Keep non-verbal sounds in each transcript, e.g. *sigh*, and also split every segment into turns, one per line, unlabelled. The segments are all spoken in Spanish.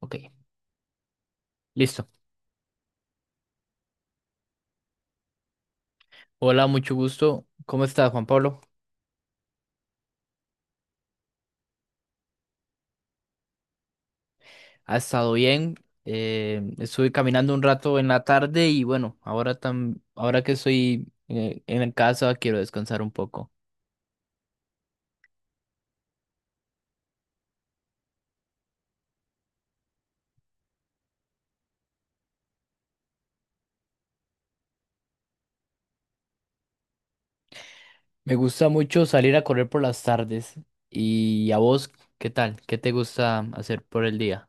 Ok, listo. Hola, mucho gusto. ¿Cómo estás, Juan Pablo? ¿Ha estado bien? Estuve caminando un rato en la tarde y bueno, ahora, ahora que estoy en casa quiero descansar un poco. Me gusta mucho salir a correr por las tardes. ¿Y a vos qué tal? ¿Qué te gusta hacer por el día?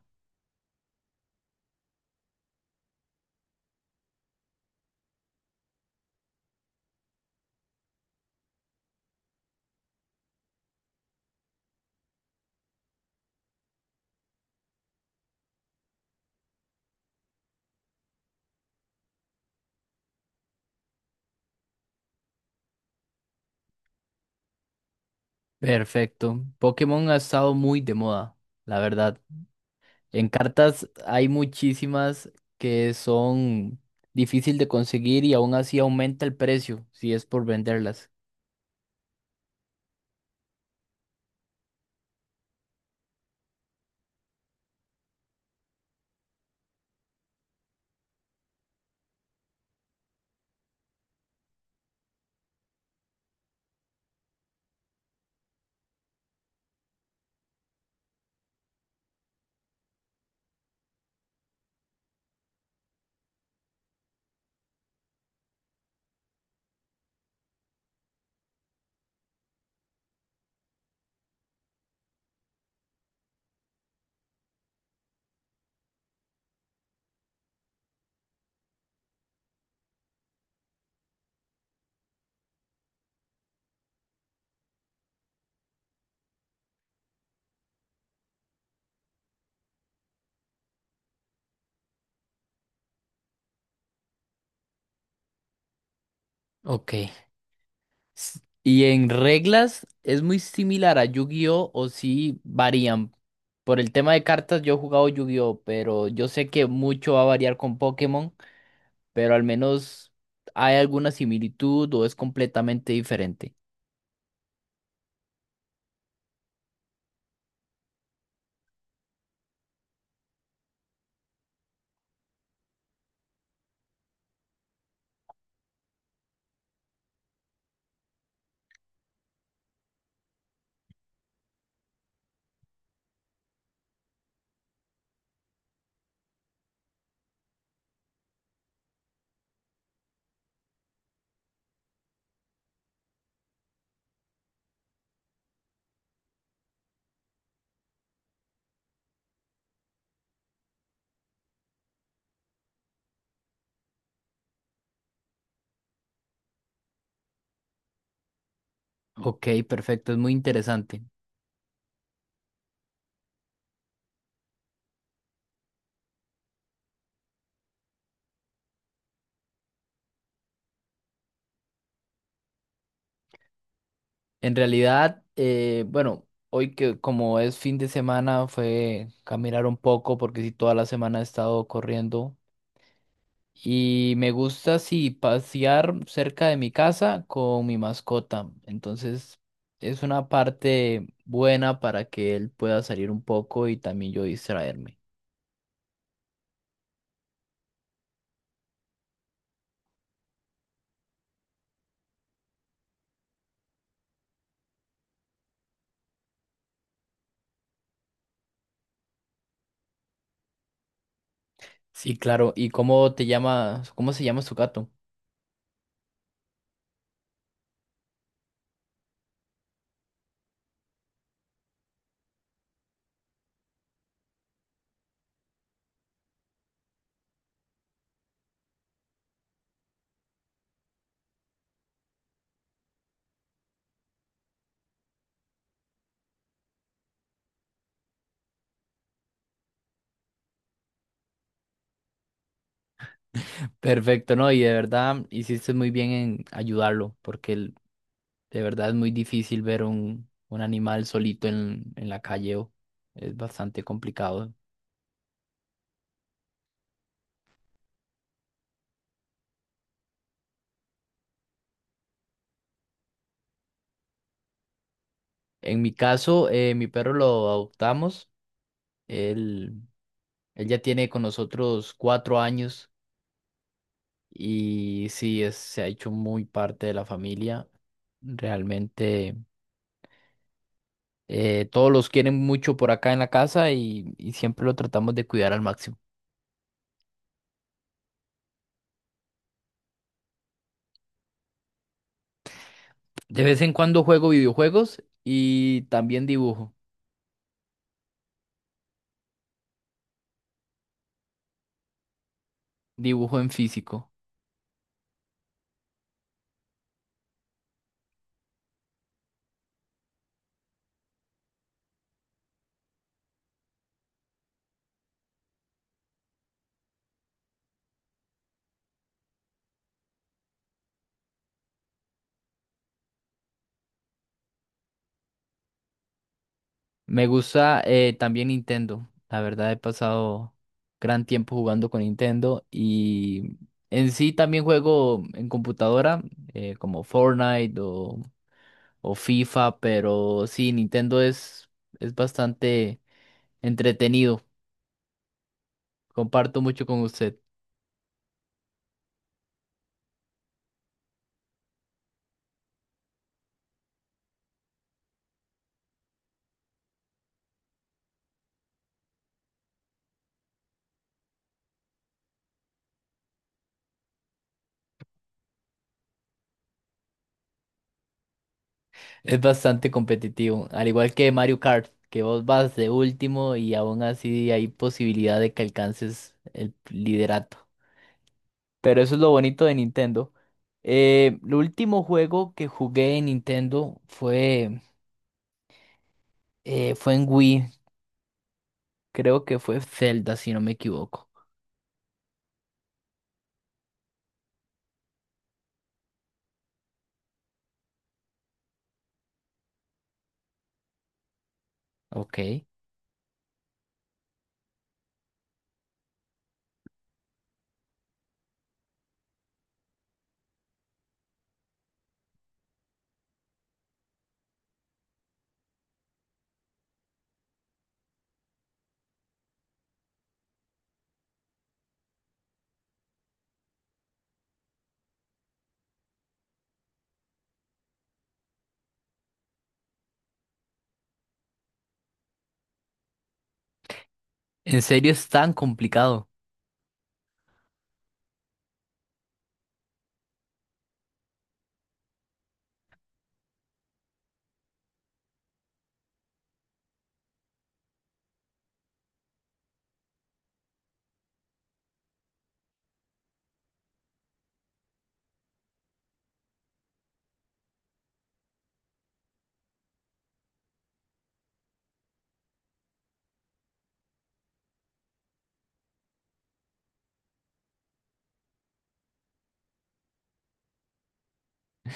Perfecto. Pokémon ha estado muy de moda, la verdad. En cartas hay muchísimas que son difícil de conseguir y aún así aumenta el precio si es por venderlas. Ok. ¿Y en reglas es muy similar a Yu-Gi-Oh o sí varían? Por el tema de cartas yo he jugado Yu-Gi-Oh, pero yo sé que mucho va a variar con Pokémon, pero al menos, ¿hay alguna similitud o es completamente diferente? Ok, perfecto, es muy interesante. En realidad, bueno, hoy que como es fin de semana fue caminar un poco porque sí, toda la semana he estado corriendo y me gusta sí pasear cerca de mi casa con mi mascota. Entonces es una parte buena para que él pueda salir un poco y también yo distraerme. Sí, claro. ¿Y cómo te llamas? ¿Cómo se llama su gato? *laughs* Perfecto, no, y de verdad hiciste muy bien en ayudarlo porque él, de verdad, es muy difícil ver un animal solito en la calle. Es bastante complicado. En mi caso, mi perro lo adoptamos. Él, Él ya tiene con nosotros 4 años y sí, es, se ha hecho muy parte de la familia. Realmente todos los quieren mucho por acá en la casa y siempre lo tratamos de cuidar al máximo. De vez en cuando juego videojuegos y también dibujo, dibujo en físico. Me gusta también Nintendo. La verdad he pasado gran tiempo jugando con Nintendo y en sí también juego en computadora como Fortnite o FIFA, pero sí, Nintendo es bastante entretenido. Comparto mucho con usted. Es bastante competitivo, al igual que Mario Kart, que vos vas de último y aún así hay posibilidad de que alcances el liderato. Pero eso es lo bonito de Nintendo. El último juego que jugué en Nintendo fue en Wii. Creo que fue Zelda, si no me equivoco. Ok. ¿En serio es tan complicado?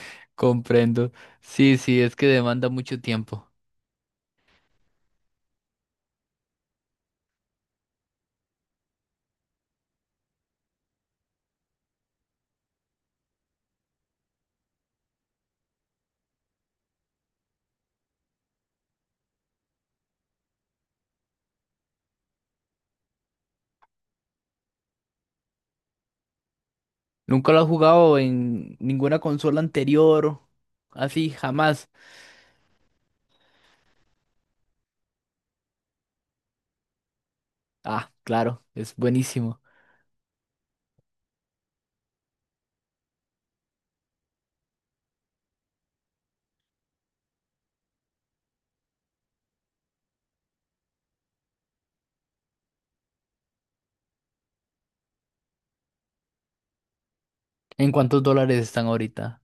*laughs* Comprendo. Sí, sí, es que demanda mucho tiempo. ¿Nunca lo has jugado en ninguna consola anterior? Así, jamás. Ah, claro, es buenísimo. ¿En cuántos dólares están ahorita?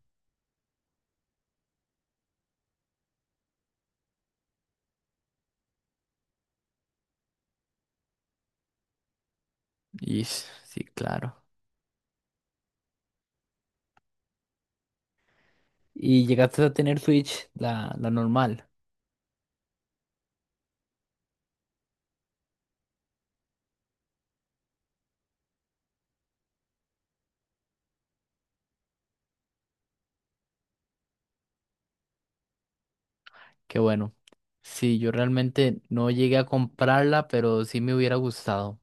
Ish, sí, claro. ¿Y llegaste a tener Switch, la normal? Qué bueno. Sí, yo realmente no llegué a comprarla, pero sí me hubiera gustado.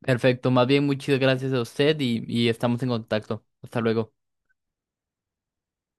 Perfecto, más bien muchas gracias a usted y estamos en contacto. Hasta luego.